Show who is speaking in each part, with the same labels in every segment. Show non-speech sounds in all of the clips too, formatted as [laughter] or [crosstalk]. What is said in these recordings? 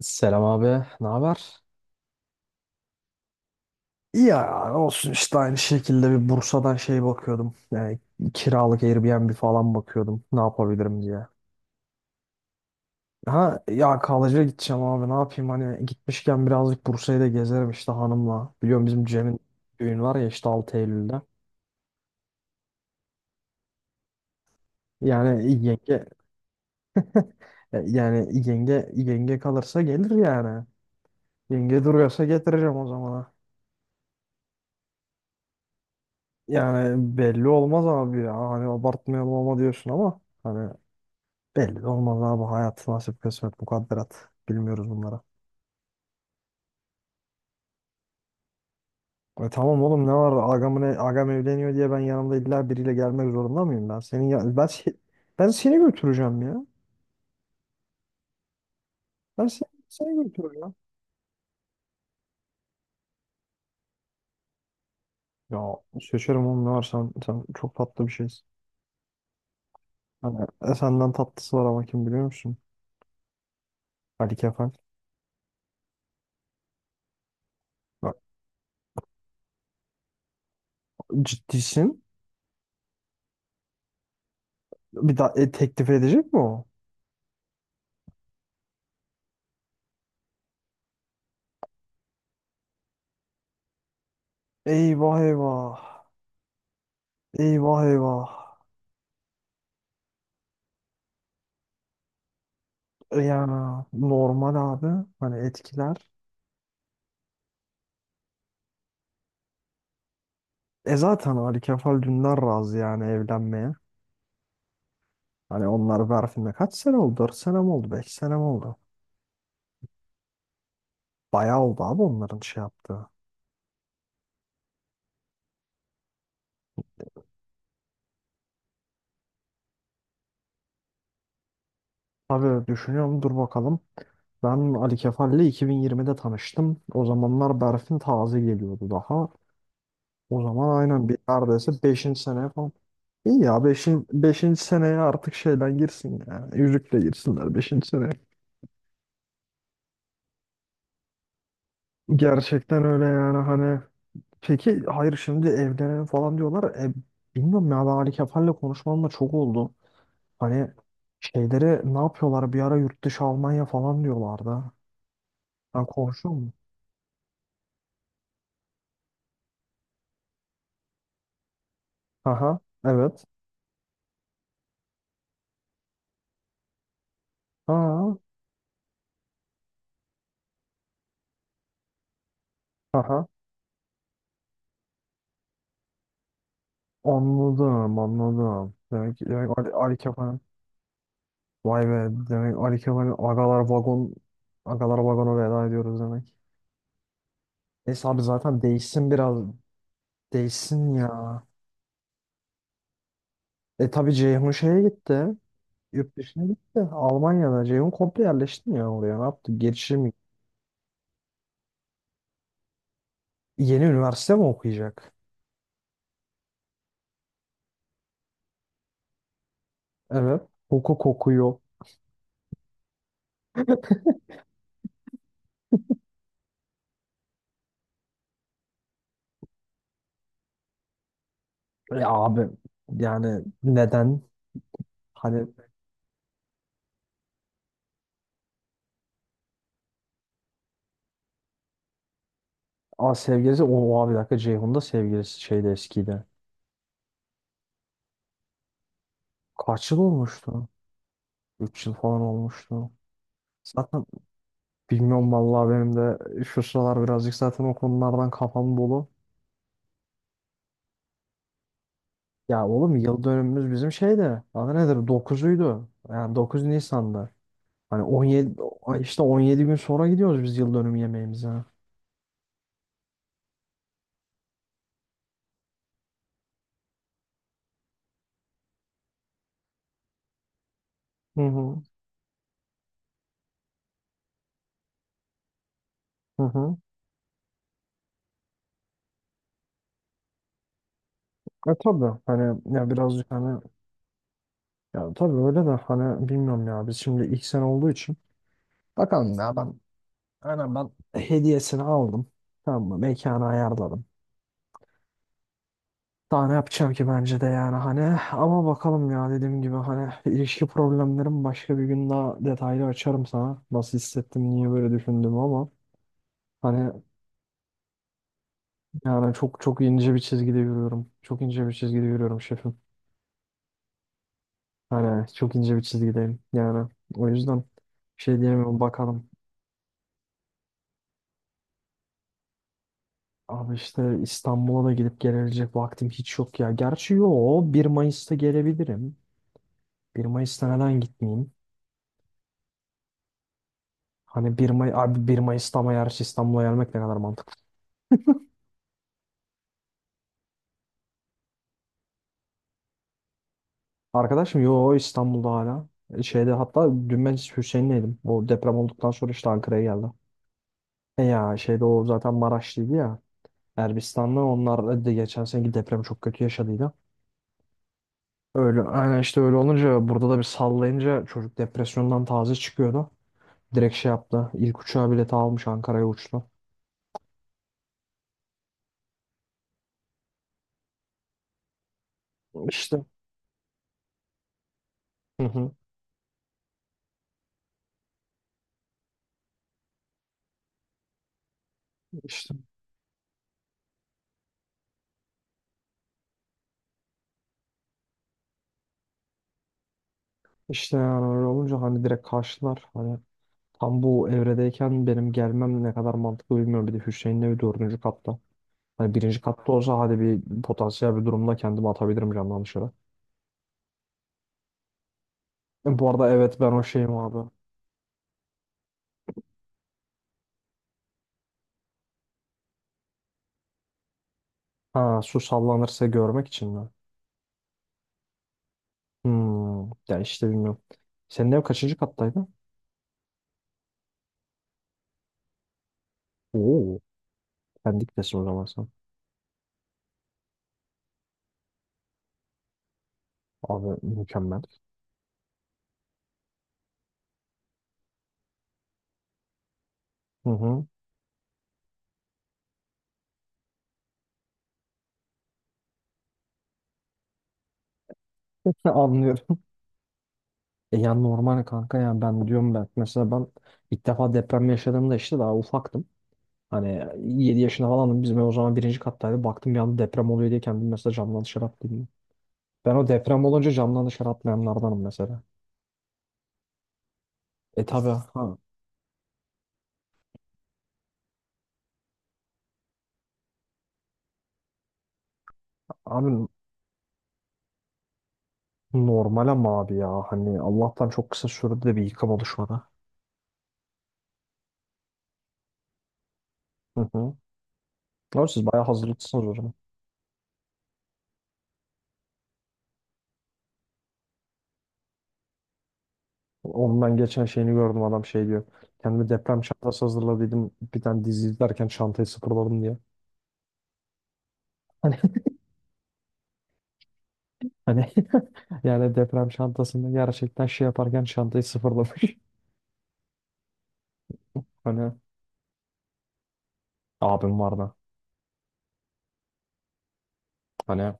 Speaker 1: Selam abi, ne haber? Ya olsun işte aynı şekilde bir Bursa'dan bakıyordum. Yani kiralık Airbnb falan bakıyordum, ne yapabilirim diye. Ha ya kalıcıya gideceğim abi, ne yapayım, hani gitmişken birazcık Bursa'yı da gezerim işte hanımla. Biliyorum bizim Cem'in düğün var ya işte 6 Eylül'de. Yani yenge e, yani yenge kalırsa gelir yani. Yenge duruyorsa getireceğim o zamana. Yani belli olmaz abi ya. Hani abartmayalım ama diyorsun ama hani belli de olmaz abi, hayat nasip kısmet mukadderat. Bilmiyoruz bunlara. E tamam oğlum, ne var agam, agam evleniyor diye ben yanımda illa biriyle gelmek zorunda mıyım ben? Senin ya, ben, se- Ben seni götüreceğim ya. Ben seni götüreceğim. Ya seçerim oğlum, ne var, sen çok tatlı bir şeysin. Senden tatlısı var ama, kim biliyor musun? Ali Kefal. Bak, ciddisin. Bir daha teklif edecek mi o? Eyvah eyvah. Eyvah eyvah. Ya normal abi. Hani etkiler. E zaten Ali Kefal Dündar razı yani evlenmeye. Hani onlar Berfin'le kaç sene oldu? 4 sene mi oldu, 5 sene mi oldu? Bayağı oldu abi onların şey yaptığı. Abi düşünüyorum, dur bakalım. Ben Ali Kefal'le 2020'de tanıştım. O zamanlar Berfin taze geliyordu daha. O zaman aynen bir neredeyse beşinci seneye falan. İyi ya, beşinci seneye artık şeyden girsin yani. Yüzükle girsinler beşinci seneye. Gerçekten öyle yani hani. Peki hayır, şimdi evlenelim falan diyorlar. Bilmiyorum ya, ben Ali Kefal'le konuşmamla çok oldu. Hani şeyleri ne yapıyorlar, bir ara yurt dışı Almanya falan diyorlardı. Ben konuşuyor muyum? Aha evet. Ha, aha Anladım anladım. Demek Ali, Ali Kefal, vay be, demek Ali Kefal agalar vagonu, veda ediyoruz demek. Neyse abi, zaten değişsin biraz ya. E tabii Ceyhun şeye gitti. Yurt dışına gitti. Almanya'da. Ceyhun komple yerleşti mi ya oraya? Ne yaptı? Gelişim mi? Yeni üniversite mi okuyacak? Evet. Hukuk okuyor. Ya abi, yani neden? Hani a, sevgilisi o, o abi, bir dakika, Ceyhun'da sevgilisi şeyde eskiydi. Kaç yıl olmuştu? 3 yıl falan olmuştu. Zaten bilmiyorum vallahi, benim de şu sıralar birazcık zaten o konulardan kafam dolu. Ya oğlum, yıl dönümümüz bizim şeyde. Adı nedir? Dokuzuydu. Yani 9 Nisan'da. Hani 17 gün sonra gidiyoruz biz yıl dönümü yemeğimize. Hı hı. Hı hı. E tabii hani ya birazcık hani, ya tabii öyle de hani bilmiyorum ya, biz şimdi ilk sene olduğu için bakalım ya. Ben hediyesini aldım, tamam mı, mekanı ayarladım, daha ne yapacağım ki, bence de yani hani. Ama bakalım ya, dediğim gibi hani ilişki problemlerim, başka bir gün daha detaylı açarım sana nasıl hissettim, niye böyle düşündüm, ama hani. Yani çok ince bir çizgide yürüyorum. Çok ince bir çizgide yürüyorum şefim. Hani çok ince bir çizgideyim. Yani o yüzden şey diyemiyorum, bakalım. Abi işte İstanbul'a da gidip gelebilecek vaktim hiç yok ya. Gerçi yo, bir Mayıs'ta gelebilirim. Bir Mayıs'ta neden gitmeyeyim? Hani bir May abi 1 Mayıs'ta, ama yarış İstanbul'a gelmek ne kadar mantıklı. Arkadaşım yo İstanbul'da hala. Şeyde hatta dün ben Hüseyin'leydim. O deprem olduktan sonra işte Ankara'ya geldi. E ya şeyde o zaten Maraşlıydı ya. Erbistan'da, onlar da geçen seneki depremi çok kötü yaşadıydı. Öyle yani, işte öyle olunca burada da bir sallayınca çocuk depresyondan taze çıkıyordu. Direkt şey yaptı, İlk uçağa bileti almış, Ankara'ya uçtu. İşte hı hı, işte işte yani öyle olunca hani direkt karşılar. Hani tam bu evredeyken benim gelmem ne kadar mantıklı bilmiyorum. Bir de Hüseyin'le bir 4. katta. Hani 1. katta olsa hadi, bir potansiyel bir durumda kendimi atabilirim camdan dışarı. Bu arada evet, ben o şeyim abi. Ha, su sallanırsa görmek için mi? Hmm, ya işte bilmiyorum. Senin ev kaçıncı kattaydı? Oo, Pendik'tesin o zaman sen. Abi mükemmel. Hı hı. [laughs] Anlıyorum. E ya normal kanka ya, ben diyorum ben. Mesela ilk defa deprem yaşadığımda işte daha ufaktım. Hani 7 yaşında falandım. Bizim ev o zaman 1. kattaydı. Baktım bir anda deprem oluyor diye, kendimi mesela camdan dışarı attım. Ben o deprem olunca camdan dışarı atlayanlardanım mesela. E tabi [laughs] ha. Abi normal ama abi ya. Hani Allah'tan çok kısa sürede de bir yıkım oluşmadı. Hı hı. Ama siz bayağı hazırlıklısınız o zaman. Onun ben geçen şeyini gördüm, adam şey diyor: kendime deprem çantası hazırladıydım, bir tane dizi izlerken çantayı sıfırladım diye. Hani, [laughs] hani [laughs] yani deprem çantasında gerçekten şey yaparken çantayı sıfırlamış. [laughs] Hani abim var da. Hani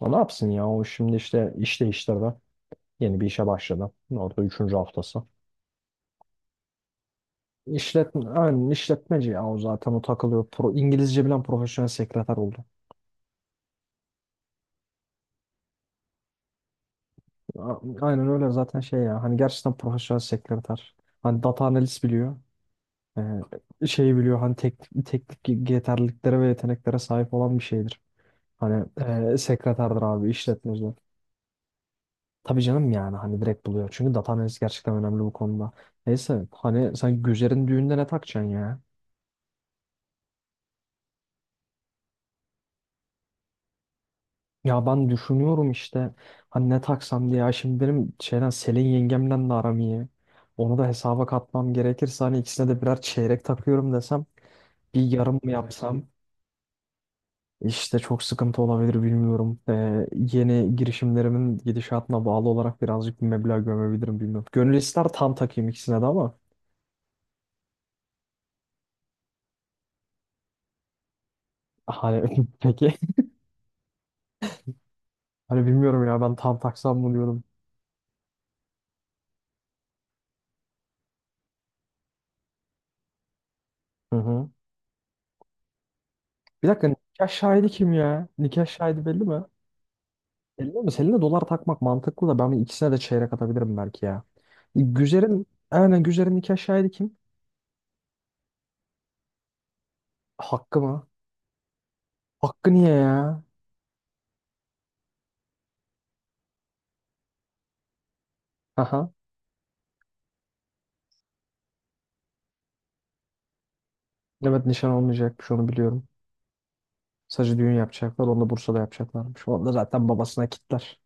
Speaker 1: o ne yapsın ya, o şimdi işte iş değiştirdi. Yeni bir işe başladı. Orada 3. haftası. İşletme, aynen işletmeci ya, o zaten o takılıyor. İngilizce bilen profesyonel sekreter oldu. A- aynen öyle zaten şey ya, hani gerçekten profesyonel sekreter. Hani data analist biliyor. Şeyi biliyor hani, teknik yeterliliklere ve yeteneklere sahip olan bir şeydir. Hani sekreterdir abi, işletmecidir. Tabii canım, yani hani direkt buluyor. Çünkü data analist gerçekten önemli bu konuda. Neyse, hani sen Güzer'in düğünde ne takacaksın ya? Ya ben düşünüyorum işte, hani ne taksam diye. Ya şimdi benim şeyden Selin yengemle de aram iyi. Onu da hesaba katmam gerekirse hani, ikisine de birer çeyrek takıyorum desem, bir yarım mı Evet. yapsam işte çok sıkıntı olabilir bilmiyorum. Yeni girişimlerimin gidişatına bağlı olarak birazcık bir meblağ gömebilirim bilmiyorum. Gönül ister tam takayım ikisine de ama hani. [laughs] Peki hani bilmiyorum ya, ben tam taksam mı diyorum. Hı hı. Bir dakika, nikah şahidi kim ya? Nikah şahidi belli mi? Belli mi? Selin'e dolar takmak mantıklı da, ben ikisine de çeyrek atabilirim belki ya. Güzer'in nikah şahidi kim? Hakkı mı? Hakkı niye ya? Aha. Evet, nişan olmayacakmış, onu biliyorum. Sadece düğün yapacaklar. Onu da Bursa'da yapacaklarmış. Onu da zaten babasına kitler.